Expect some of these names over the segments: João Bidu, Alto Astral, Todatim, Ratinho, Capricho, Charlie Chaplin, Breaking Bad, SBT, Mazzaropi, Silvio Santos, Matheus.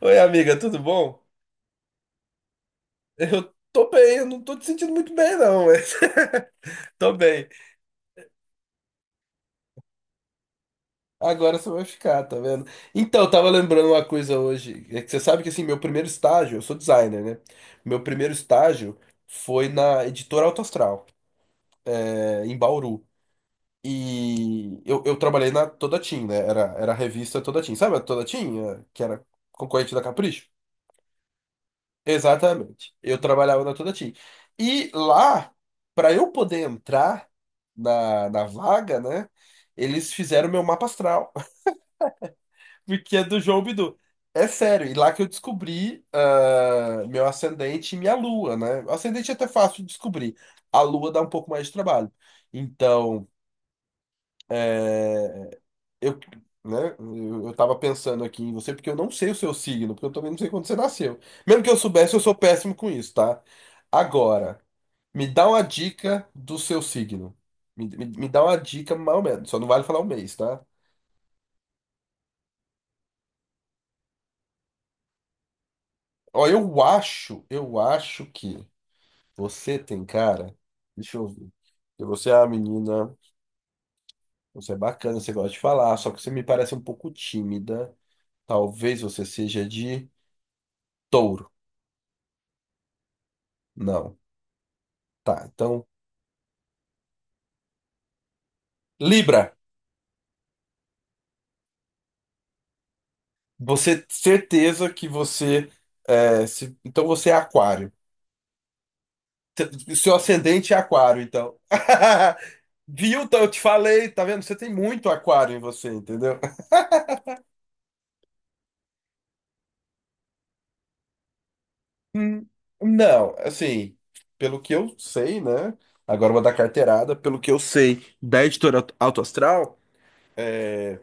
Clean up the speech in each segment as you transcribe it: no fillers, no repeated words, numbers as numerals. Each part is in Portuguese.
Oi, amiga, tudo bom? Eu tô bem, eu não tô te sentindo muito bem, não, mas tô bem. Agora você vai ficar, tá vendo? Então, eu tava lembrando uma coisa hoje. É que você sabe que, assim, meu primeiro estágio, eu sou designer, né? Meu primeiro estágio foi na editora Alto Astral, é, em Bauru. E eu trabalhei na Todatim, né? Era a revista Todatim. Sabe a Todatim? Que era concorrente da Capricho? Exatamente. Eu trabalhava na Todati. E lá, para eu poder entrar na vaga, né? Eles fizeram meu mapa astral, porque é do João Bidu. É sério, e lá que eu descobri meu ascendente e minha lua, né? O ascendente é até fácil de descobrir. A lua dá um pouco mais de trabalho. Então, eh, eu, né, eu tava pensando aqui em você porque eu não sei o seu signo, porque eu também não sei quando você nasceu. Mesmo que eu soubesse, eu sou péssimo com isso, tá? Agora, me dá uma dica do seu signo. Me dá uma dica mais ou menos, só não vale falar o mês, tá? Ó, eu acho que você tem cara. Deixa eu ver. Porque você é uma menina, você é bacana, você gosta de falar, só que você me parece um pouco tímida. Talvez você seja de touro. Não. Tá, então. Libra! Você certeza que você é, então você é aquário. O seu ascendente é aquário, então. Viu? Então, eu te falei, tá vendo? Você tem muito aquário em você, entendeu? Hum. Não, assim, pelo que eu sei, né? Agora eu vou dar carteirada. Pelo que eu sei da editora Alto Astral, é,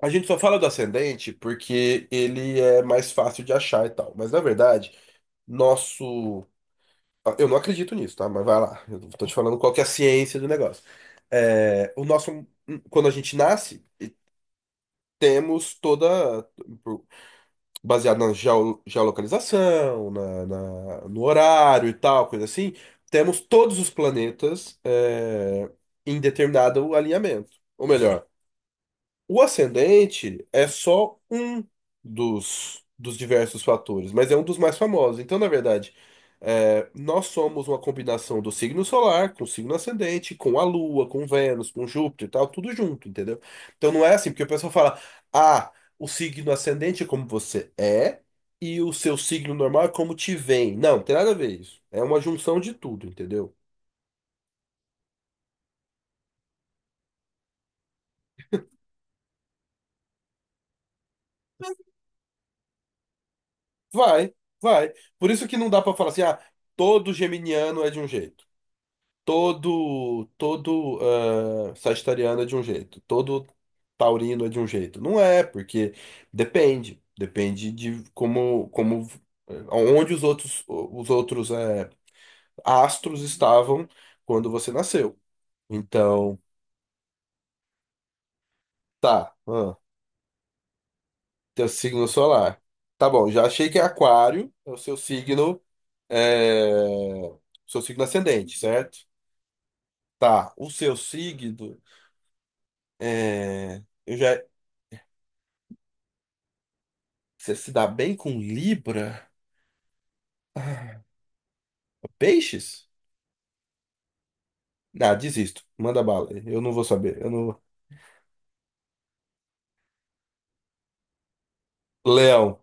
a gente só fala do ascendente porque ele é mais fácil de achar e tal. Mas na verdade, nosso. Eu não acredito nisso, tá? Mas vai lá. Eu tô te falando qual que é a ciência do negócio. É, o nosso, quando a gente nasce, temos toda, baseado na geolocalização, no horário e tal, coisa assim, temos todos os planetas, é, em determinado alinhamento. Ou melhor, o ascendente é só um dos diversos fatores, mas é um dos mais famosos. Então, na verdade, é, nós somos uma combinação do signo solar com o signo ascendente, com a Lua, com Vênus, com Júpiter e tal, tudo junto, entendeu? Então não é assim, porque o pessoal fala, ah, o signo ascendente é como você é e o seu signo normal é como te vem. Não, tem nada a ver isso. É uma junção de tudo, entendeu? Vai, vai. Por isso que não dá pra falar assim, todo geminiano é de um jeito. Todo sagitariano é de um jeito, todo taurino é de um jeito. Não é, porque depende de como onde os outros astros estavam quando você nasceu. Então, tá, teu signo solar. Tá bom, já achei que é aquário, é o seu signo eh, seu signo ascendente, certo? Tá, o seu signo é, eu já. Você se dá bem com Libra? Ah, Peixes? Ah, desisto. Manda bala. Eu não vou saber. Eu não. Leão.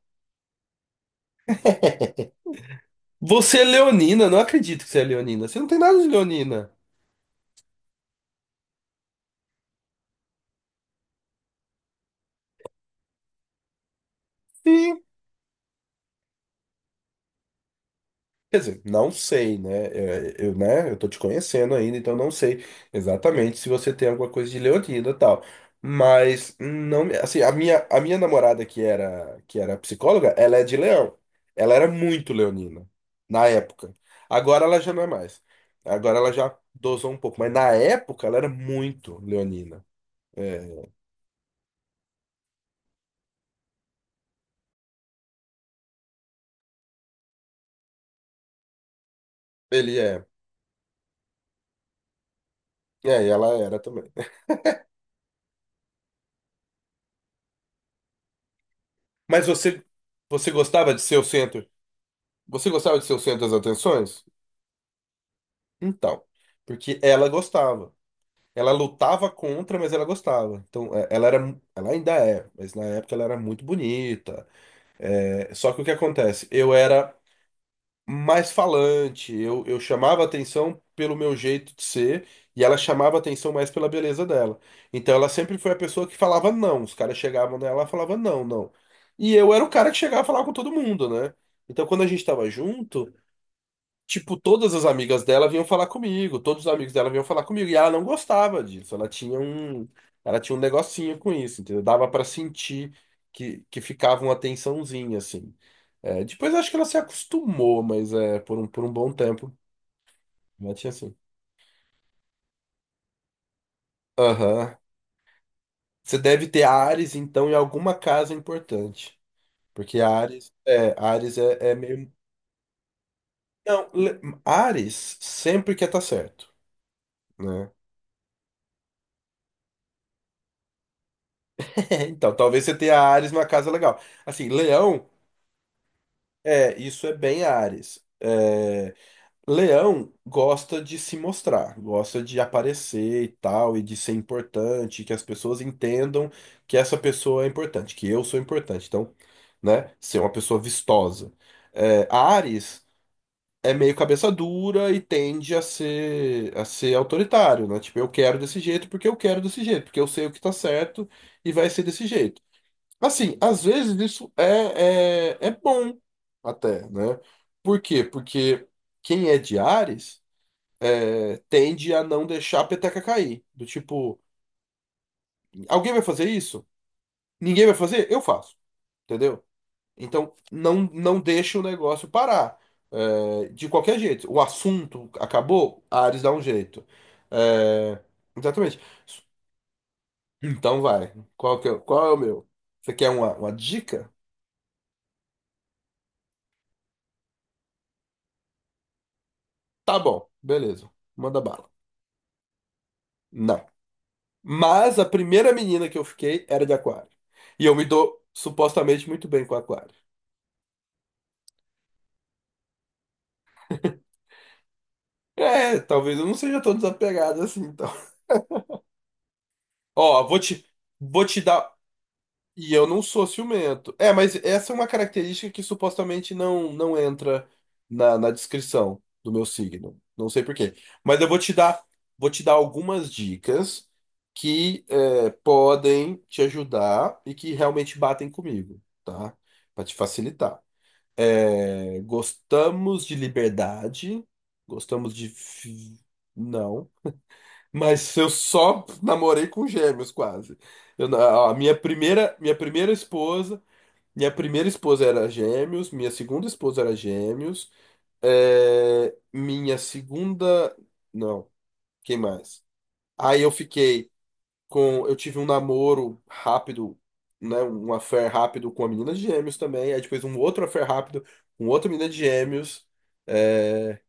Você é leonina. Não acredito que você é leonina. Você não tem nada de leonina. Sim. Quer dizer, não sei, né? É, eu, né? Eu tô te conhecendo ainda, então não sei exatamente se você tem alguma coisa de leonina e tal. Mas não, assim, a minha namorada que era psicóloga, ela é de Leão. Ela era muito leonina na época. Agora ela já não é mais. Agora ela já dosou um pouco, mas na época ela era muito leonina. É, ele é. É, e ela era também. Mas você gostava de ser o centro? Você gostava de ser o centro das atenções? Então, porque ela gostava. Ela lutava contra, mas ela gostava. Então, é, ela era, ela ainda é, mas na época ela era muito bonita. É, só que o que acontece? Eu era mais falante, eu chamava atenção pelo meu jeito de ser e ela chamava atenção mais pela beleza dela. Então, ela sempre foi a pessoa que falava não. Os caras chegavam nela e falavam não, não. E eu era o cara que chegava a falar com todo mundo, né? Então, quando a gente tava junto. Tipo, todas as amigas dela vinham falar comigo, todos os amigos dela vinham falar comigo, e ela não gostava disso, ela tinha um negocinho com isso, entendeu? Dava pra sentir que ficava uma tensãozinha, assim. É, depois acho que ela se acostumou, mas é, por um bom tempo, ela tinha assim. Aham. Você deve ter Ares, então, em alguma casa importante, porque Ares, é, Ares é meio... Não, Ares sempre quer estar certo, né? É, então, talvez você tenha Ares numa casa legal. Assim, Leão, é, isso é bem Ares. É, Leão gosta de se mostrar, gosta de aparecer e tal, e de ser importante, que as pessoas entendam que essa pessoa é importante, que eu sou importante. Então, né, ser uma pessoa vistosa. É, Ares é meio cabeça dura e tende a ser autoritário, né? Tipo, eu quero desse jeito porque eu quero desse jeito, porque eu sei o que tá certo e vai ser desse jeito. Assim, às vezes isso é bom até, né? Por quê? Porque quem é de Ares é, tende a não deixar a peteca cair. Do tipo, alguém vai fazer isso? Ninguém vai fazer? Eu faço, entendeu? Então, não, não deixa o negócio parar. É, de qualquer jeito. O assunto acabou, Ares dá um jeito. É, exatamente. Então vai. Qual que é, qual é o meu? Você quer uma dica? Tá bom, beleza. Manda bala. Não. Mas a primeira menina que eu fiquei era de aquário. E eu me dou supostamente muito bem com aquário. É, talvez eu não seja tão desapegado assim, então. Ó, vou te dar. E eu não sou ciumento. É, mas essa é uma característica que supostamente não, não entra na descrição do meu signo. Não sei por quê. Mas eu vou te dar algumas dicas que é, podem te ajudar e que realmente batem comigo, tá? Pra te facilitar. É, gostamos de liberdade. Gostamos de. Não. Mas eu só namorei com gêmeos, quase. Eu na- a minha primeira esposa. Minha primeira esposa era gêmeos. Minha segunda esposa era gêmeos. É, minha segunda. Não. Quem mais? Aí eu fiquei com. Eu tive um namoro rápido, né, um affair rápido com uma menina de gêmeos também, aí depois um outro affair rápido com outra menina de gêmeos. É,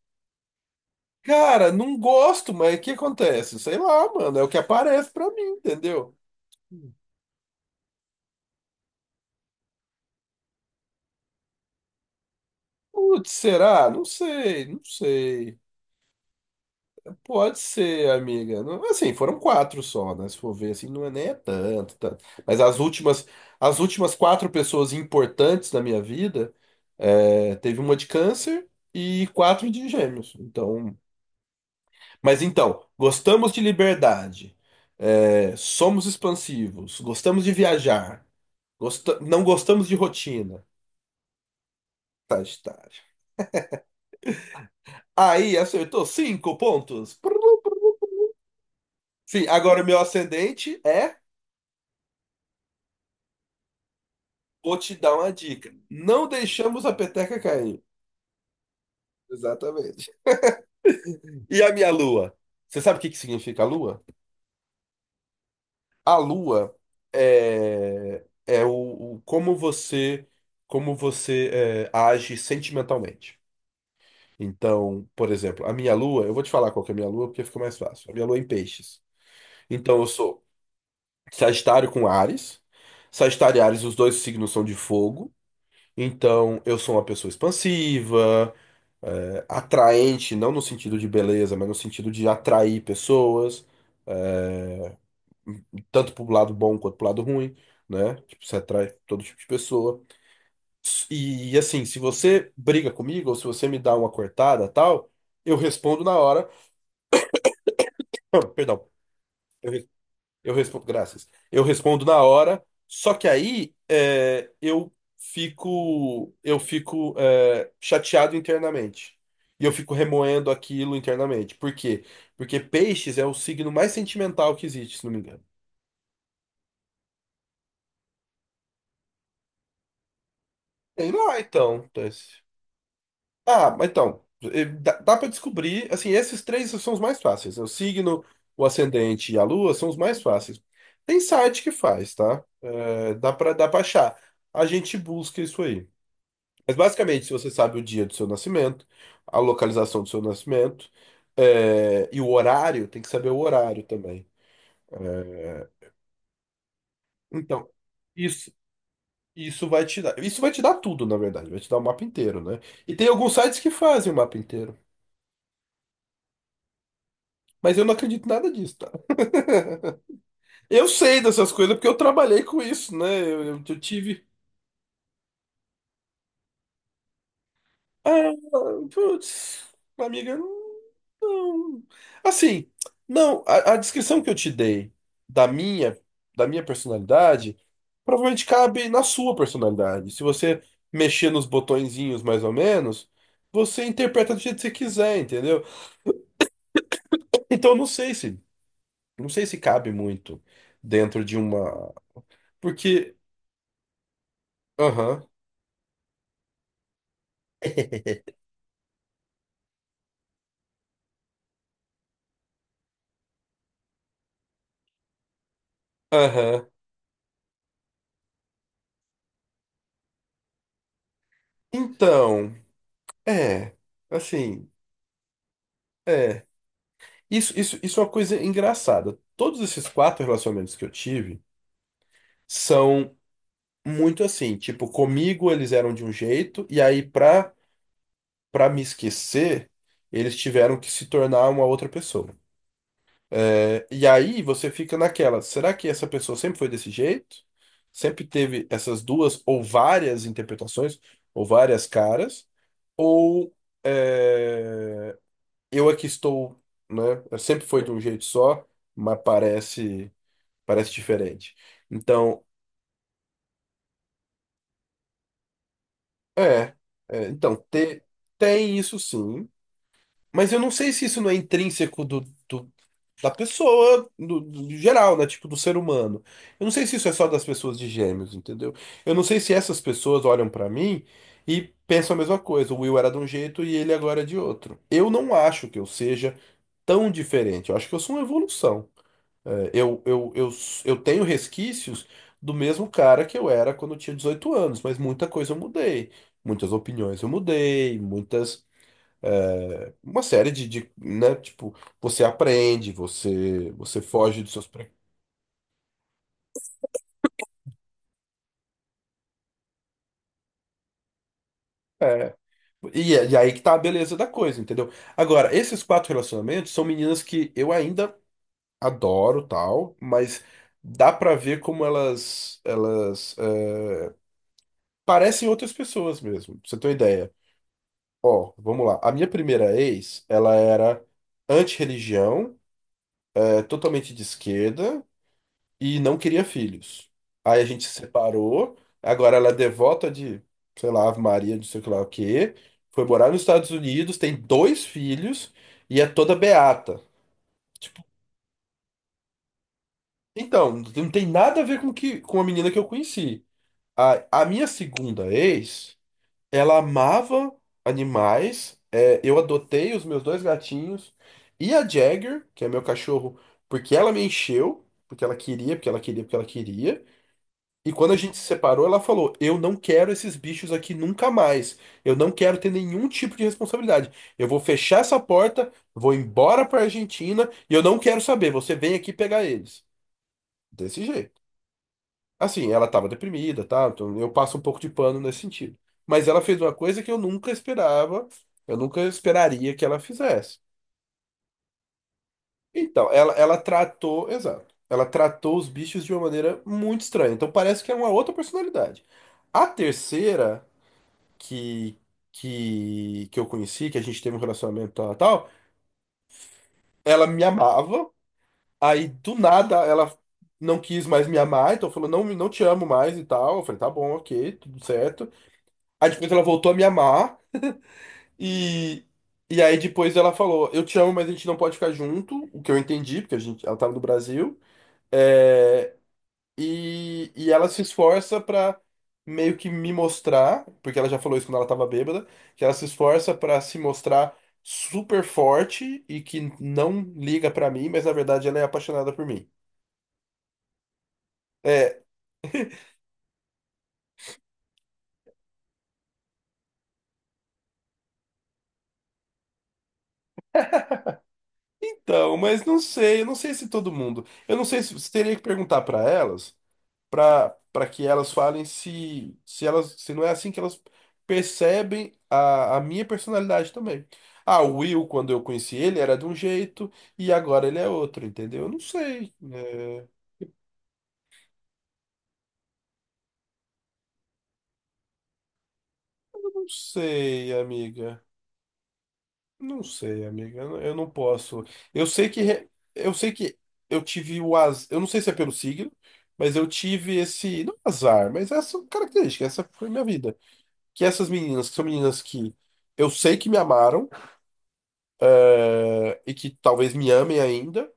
cara, não gosto, mas o que acontece? Sei lá, mano, é o que aparece pra mim, entendeu? Putz, será? Não sei, não sei. Pode ser, amiga. Assim, foram quatro só, né? Se for ver, assim, não é nem é tanto, tanto. Mas as últimas quatro pessoas importantes da minha vida, é, teve uma de câncer e quatro de gêmeos. Então, mas então, gostamos de liberdade, é, somos expansivos, gostamos de viajar, não gostamos de rotina. Sagitário. Aí acertou cinco pontos. Sim, agora o meu ascendente é. Vou te dar uma dica. Não deixamos a peteca cair. Exatamente. E a minha lua? Você sabe o que que significa a lua? A lua é como você é, age sentimentalmente. Então, por exemplo, a minha lua, eu vou te falar qual que é a minha lua porque fica mais fácil. A minha lua é em peixes. Então eu sou Sagitário com Áries. Sagitário e Áries, os dois signos são de fogo. Então eu sou uma pessoa expansiva, é, atraente, não no sentido de beleza, mas no sentido de atrair pessoas, é, tanto pro lado bom quanto pro lado ruim, né? Tipo, você atrai todo tipo de pessoa. E, assim, se você briga comigo ou se você me dá uma cortada, tal, eu respondo na hora. Perdão. Eu Eu respondo, graças. Eu respondo na hora, só que aí é, eu fico chateado internamente. E eu fico remoendo aquilo internamente. Por quê? Porque peixes é o signo mais sentimental que existe, se não me engano. Tem lá, então. Tess. Ah, mas então, dá para descobrir, assim, esses três são os mais fáceis. Né? O signo, o ascendente e a lua são os mais fáceis. Tem site que faz, tá? Dá para achar. A gente busca isso aí. Mas basicamente, se você sabe o dia do seu nascimento, a localização do seu nascimento, é, e o horário, tem que saber o horário também. É, então, isso, isso vai te dar. Isso vai te dar tudo, na verdade. Vai te dar o mapa inteiro, né? E tem alguns sites que fazem o mapa inteiro. Mas eu não acredito em nada disso, tá? Eu sei dessas coisas porque eu trabalhei com isso, né? Eu tive. Ah, putz, amiga, não. Assim, não, a descrição que eu te dei da minha, da minha personalidade provavelmente cabe na sua personalidade. Se você mexer nos botõezinhos mais ou menos, você interpreta do jeito que você quiser, entendeu? Então não sei se cabe muito dentro de uma, porque, aham, aham. Então, é, assim, é. Isso é uma coisa engraçada. Todos esses quatro relacionamentos que eu tive são muito assim, tipo, comigo eles eram de um jeito, e aí pra me esquecer, eles tiveram que se tornar uma outra pessoa. É, E aí você fica naquela, será que essa pessoa sempre foi desse jeito? Sempre teve essas duas ou várias interpretações, ou várias caras, ou é, eu aqui estou, né? Sempre foi de um jeito só, mas parece. Parece diferente. Então, é, é, então, te- tem isso sim, mas eu não sei se isso não é intrínseco do- da pessoa, do geral, né? Tipo, do ser humano. Eu não sei se isso é só das pessoas de gêmeos, entendeu? Eu não sei se essas pessoas olham pra mim e pensam a mesma coisa. O Will era de um jeito e ele agora é de outro. Eu não acho que eu seja tão diferente. Eu acho que eu sou uma evolução. É, Eu, eu, eu, eu tenho resquícios do mesmo cara que eu era quando eu tinha 18 anos, mas muita coisa eu mudei. Muitas opiniões eu mudei, muitas. Uma série né? Tipo, você aprende, você foge dos seus. É. E, e aí que tá a beleza da coisa, entendeu? Agora, esses quatro relacionamentos são meninas que eu ainda adoro, tal, mas dá pra ver como elas é, parecem outras pessoas mesmo, pra você ter uma ideia. Ó, vamos lá. A minha primeira ex, ela era anti-religião, é, totalmente de esquerda e não queria filhos. Aí a gente se separou. Agora ela é devota de, sei lá, Ave Maria, não sei o que lá o quê. Foi morar nos Estados Unidos, tem dois filhos e é toda beata. Tipo, então, não tem nada a ver com que, com a menina que eu conheci. A minha segunda ex. Ela amava animais. É, eu adotei os meus dois gatinhos e a Jagger, que é meu cachorro, porque ela me encheu, porque ela queria, porque ela queria, porque ela queria. E quando a gente se separou, ela falou: Eu não quero esses bichos aqui nunca mais. Eu não quero ter nenhum tipo de responsabilidade. Eu vou fechar essa porta, vou embora pra Argentina e eu não quero saber. Você vem aqui pegar eles. Desse jeito. Assim, ela estava deprimida, tá? Então eu passo um pouco de pano nesse sentido. Mas ela fez uma coisa que eu nunca esperava, eu nunca esperaria que ela fizesse. Então, ela tratou, exato, ela tratou os bichos de uma maneira muito estranha. Então parece que é uma outra personalidade. A terceira que, que eu conheci, que a gente teve um relacionamento tal, tal, ela me amava, aí do nada ela não quis mais me amar, então falou, não, não te amo mais e tal. Eu falei, tá bom, ok, tudo certo. Aí depois ela voltou a me amar e e aí depois ela falou, eu te amo, mas a gente não pode ficar junto, o que eu entendi, porque a gente, ela tava no Brasil. É, e ela se esforça pra meio que me mostrar, porque ela já falou isso quando ela tava bêbada, que ela se esforça pra se mostrar super forte e que não liga pra mim, mas na verdade ela é apaixonada por mim. É, então, mas não sei, eu não sei se todo mundo. Eu não sei se você teria que perguntar pra elas. Para que elas falem se elas se não é assim que elas percebem a minha personalidade também. Ah, o Will, quando eu conheci ele, era de um jeito e agora ele é outro, entendeu? Eu não sei. É, não sei, amiga. Não sei, amiga. Eu não posso. Eu sei que re- eu sei que eu tive o azar. Eu não sei se é pelo signo, mas eu tive esse não azar, mas essa característica, essa foi minha vida. Que essas meninas, que são meninas que eu sei que me amaram eh, e que talvez me amem ainda,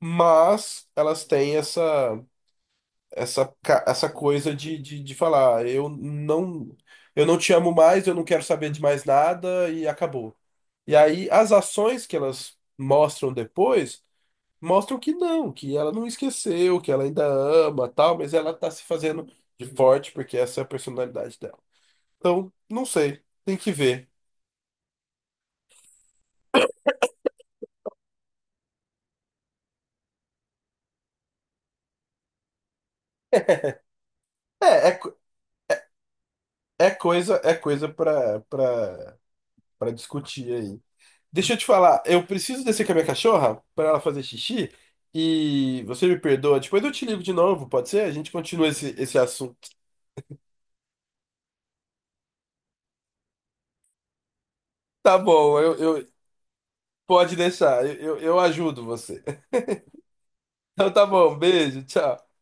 mas elas têm essa essa coisa de falar, eu não te amo mais, eu não quero saber de mais nada e acabou. E aí as ações que elas mostram depois mostram que não, que ela não esqueceu, que ela ainda ama, tal, mas ela tá se fazendo de forte porque essa é a personalidade dela. Então, não sei, tem que ver. É, é, co- é coisa para discutir aí. Deixa eu te falar, eu preciso descer com a minha cachorra para ela fazer xixi e você me perdoa. Depois eu te ligo de novo, pode ser? A gente continua esse assunto. Tá bom, pode deixar, eu ajudo você. Então tá bom, beijo, tchau.